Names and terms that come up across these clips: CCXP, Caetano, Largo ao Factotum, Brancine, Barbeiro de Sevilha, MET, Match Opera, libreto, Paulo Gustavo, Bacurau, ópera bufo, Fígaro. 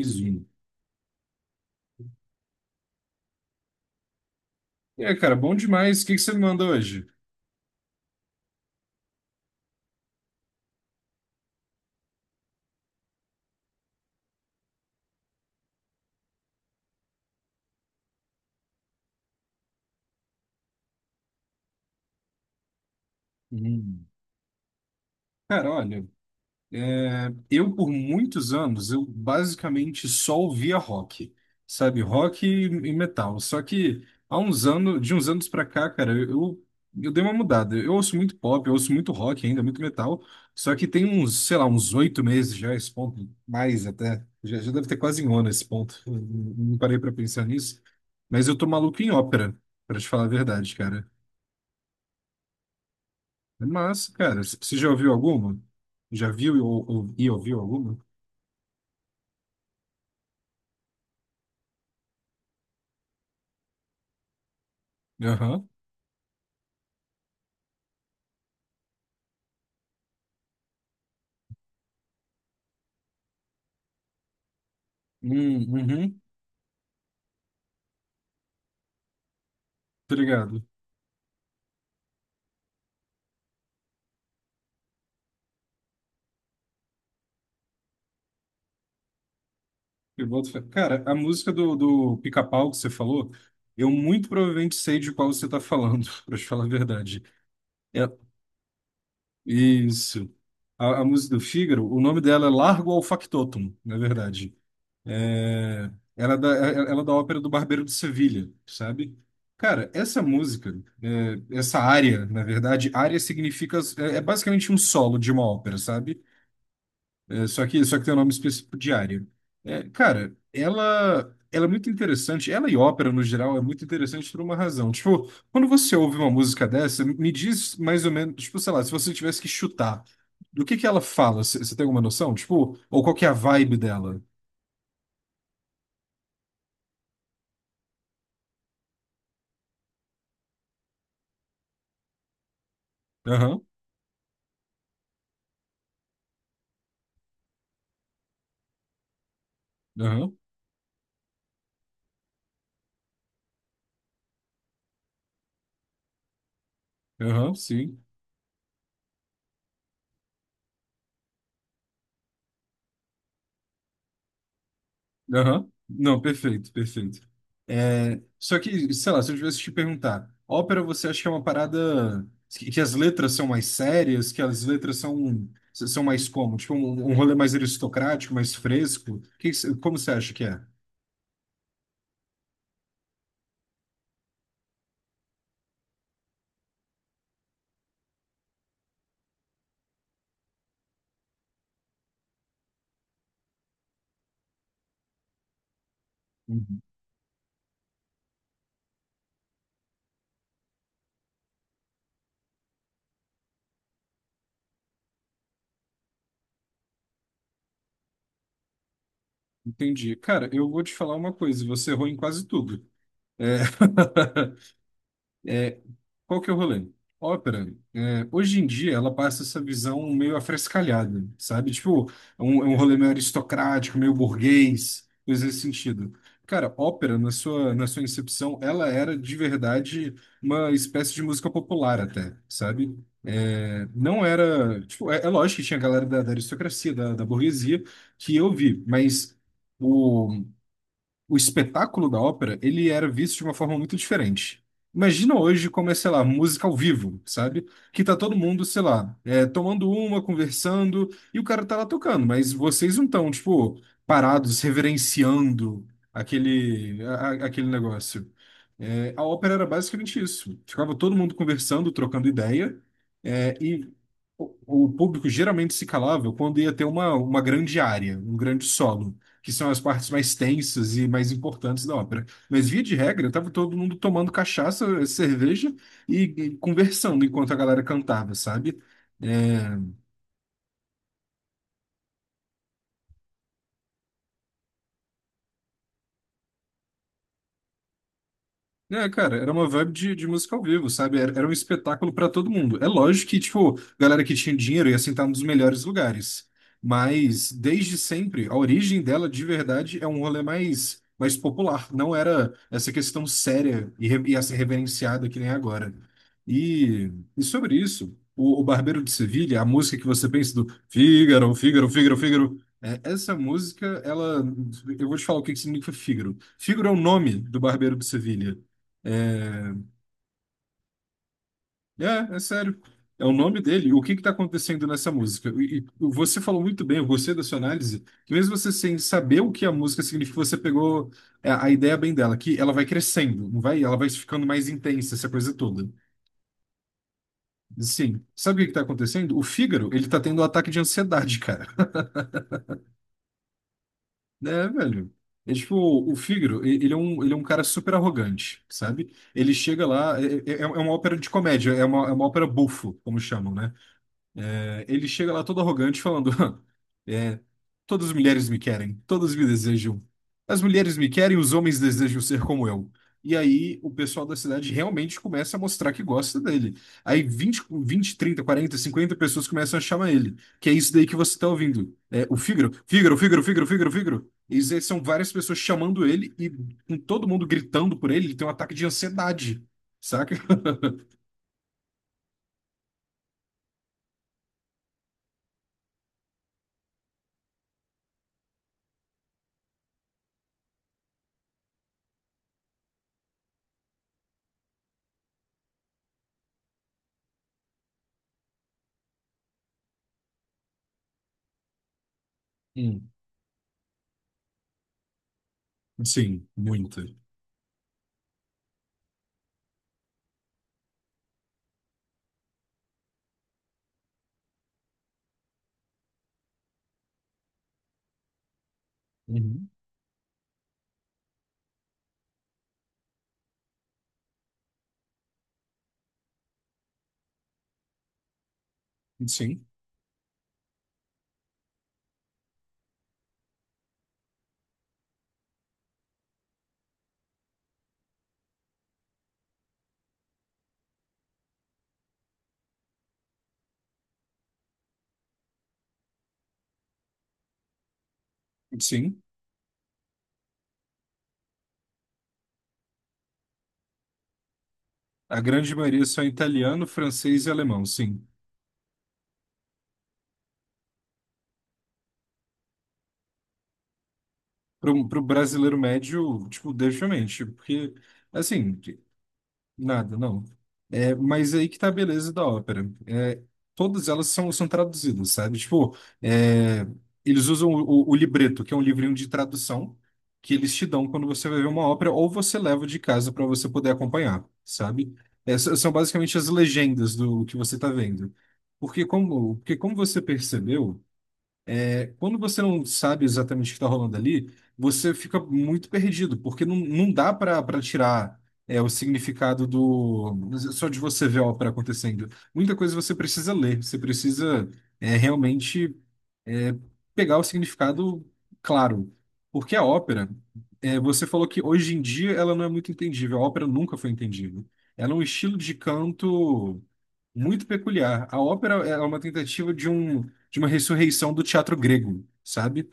Zoom. É, cara, bom demais. O que que você me manda hoje? Hum. Cara, olha, é, eu, por muitos anos, eu basicamente só ouvia rock, sabe? Rock e metal. Só que há uns anos, de uns anos pra cá, cara, eu dei uma mudada. Eu ouço muito pop, eu ouço muito rock ainda, muito metal. Só que tem uns, sei lá, uns 8 meses já, esse ponto, mais até. Já deve ter quase um ano esse ponto. Eu não parei pra pensar nisso. Mas eu tô maluco em ópera, pra te falar a verdade, cara. Mas, cara, você já ouviu alguma? Já viu e ouviu alguma? Aham. Uhum, obrigado. Eu boto fé. Cara, a música do Pica-Pau que você falou, eu muito provavelmente sei de qual você está falando, para te falar a verdade. É, isso. A música do Fígaro, o nome dela é Largo ao Factotum, na verdade. É, ela é da ópera do Barbeiro de Sevilha, sabe? Cara, essa música, é, essa área, na verdade, área significa, é basicamente um solo de uma ópera, sabe? É, só que tem um nome específico diário. É, cara, ela é muito interessante. Ela e ópera, no geral, é muito interessante por uma razão. Tipo, quando você ouve uma música dessa, me diz mais ou menos, tipo, sei lá, se você tivesse que chutar, do que ela fala? Você tem alguma noção? Tipo, ou qual que é a vibe dela? Aham, aham, aham, sim. Aham. Não, perfeito, perfeito. É, só que, sei lá, se eu tivesse que te perguntar, ópera você acha que é uma parada que as letras são mais sérias, que as letras são mais como? Tipo, um rolê mais aristocrático, mais fresco? Como você acha que é? Uhum. Entendi. Cara, eu vou te falar uma coisa, você errou em quase tudo. É... É, qual que é o rolê? Ópera, é, hoje em dia, ela passa essa visão meio afrescalhada, sabe? Tipo, é um rolê meio aristocrático, meio burguês, coisa nesse sentido. Cara, ópera, na sua incepção, ela era de verdade uma espécie de música popular até, sabe? É, não era. Tipo, é lógico que tinha a galera da aristocracia, da burguesia, que eu vi, mas o espetáculo da ópera, ele era visto de uma forma muito diferente. Imagina hoje como é, sei lá, música ao vivo, sabe? Que tá todo mundo, sei lá, é, tomando uma, conversando, e o cara tá lá tocando, mas vocês não estão, tipo, parados, reverenciando aquele negócio. É, a ópera era basicamente isso. Ficava todo mundo conversando, trocando ideia, é, e o, o público geralmente se calava quando ia ter uma grande área, um grande solo que são as partes mais tensas e mais importantes da ópera. Mas, via de regra, estava todo mundo tomando cachaça, cerveja e conversando enquanto a galera cantava, sabe? É, É, cara, era uma vibe de música ao vivo, sabe? Era um espetáculo pra todo mundo. É lógico que, tipo, galera que tinha dinheiro ia sentar nos melhores lugares. Mas, desde sempre, a origem dela, de verdade, é um rolê mais popular. Não era essa questão séria e assim, reverenciada que nem é agora. E sobre isso, o Barbeiro de Sevilha, a música que você pensa do Fígaro, Fígaro, Fígaro, Fígaro, é, essa música, ela. Eu vou te falar o que que significa Fígaro. Fígaro é o nome do Barbeiro de Sevilha. É, é sério. É o nome dele. O que está acontecendo nessa música? E você falou muito bem, eu gostei da sua análise, que mesmo você sem saber o que a música significa, você pegou a ideia bem dela, que ela vai crescendo, não vai? Ela vai ficando mais intensa, essa coisa toda. Sim. Sabe o que está acontecendo? O Fígaro, ele tá tendo um ataque de ansiedade, cara. É, velho. É tipo, o Fígaro, ele é um, ele é um, cara super arrogante, sabe? Ele chega lá, é uma ópera de comédia, é uma ópera bufo, como chamam, né? Ele chega lá todo arrogante falando: é, todas as mulheres me querem, todas me desejam. As mulheres me querem, os homens desejam ser como eu. E aí o pessoal da cidade realmente começa a mostrar que gosta dele. Aí 20 20 30 40 50 pessoas começam a chamar ele. Que é isso daí que você está ouvindo. É, o Fígaro, Fígaro, Fígaro, Fígaro, Fígaro, Fígaro. E aí são várias pessoas chamando ele e, com todo mundo gritando por ele, ele tem um ataque de ansiedade, saca? Hum. Sim, muita. Uhum. Sim. Sim, a grande maioria só é italiano, francês e alemão, sim. Para o brasileiro médio, tipo, definitivamente, porque, assim, nada, não. É, mas aí que tá a beleza da ópera. É, todas elas são traduzidas, sabe? Tipo, é, eles usam o libreto, que é um livrinho de tradução, que eles te dão quando você vai ver uma ópera, ou você leva de casa para você poder acompanhar, sabe? Essas são basicamente as legendas do que você tá vendo. Porque como você percebeu, é, quando você não sabe exatamente o que está rolando ali, você fica muito perdido, porque não dá para tirar é, o significado do só de você ver a ópera acontecendo. Muita coisa você precisa ler, você precisa é, realmente é, pegar o significado claro. Porque a ópera, é, você falou que hoje em dia ela não é muito entendível, a ópera nunca foi entendível. Ela é um estilo de canto muito peculiar. A ópera é uma tentativa de uma ressurreição do teatro grego, sabe?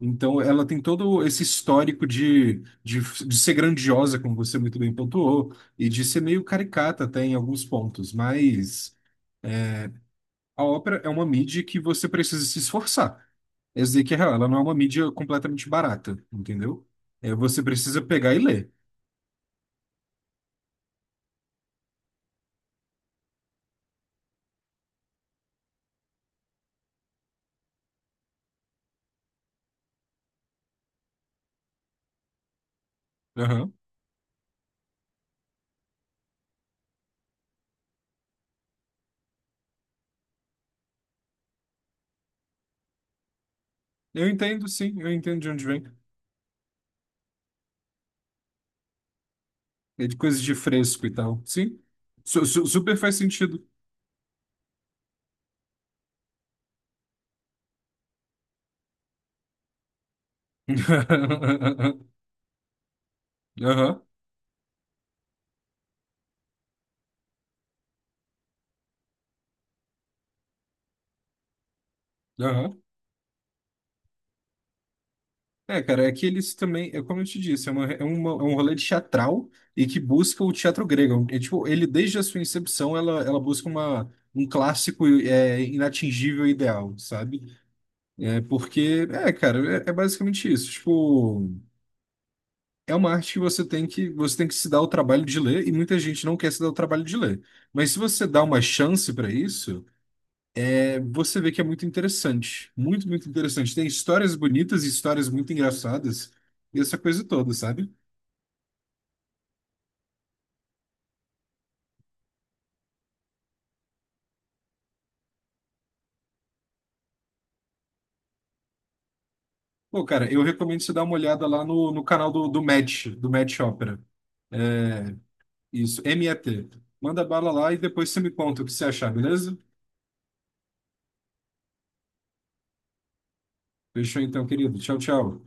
Então, ela tem todo esse histórico de, de ser grandiosa, como você muito bem pontuou, e de ser meio caricata até em alguns pontos, mas a ópera é uma mídia que você precisa se esforçar. Essa dizer que é real, ela não é uma mídia completamente barata, entendeu? É, você precisa pegar e ler. Aham. Eu entendo, sim, eu entendo de onde vem. É de coisas de fresco e tal. Sim, super faz sentido. Aham, aham. É, cara, é que eles também, é como eu te disse, é um rolê de teatral e que busca o teatro grego. É, tipo, ele, desde a sua incepção, ela busca um clássico é, inatingível e ideal, sabe? É, porque, é, cara, é basicamente isso. Tipo, é uma arte que você tem que se dar o trabalho de ler e muita gente não quer se dar o trabalho de ler. Mas se você dá uma chance para isso, é, você vê que é muito interessante. Muito, muito interessante. Tem histórias bonitas e histórias muito engraçadas e essa coisa toda, sabe? Pô, cara, eu recomendo você dar uma olhada lá no canal do Match Opera. É, isso, MET. Manda bala lá e depois você me conta o que você achar, beleza? Fechou então, querido. Tchau, tchau.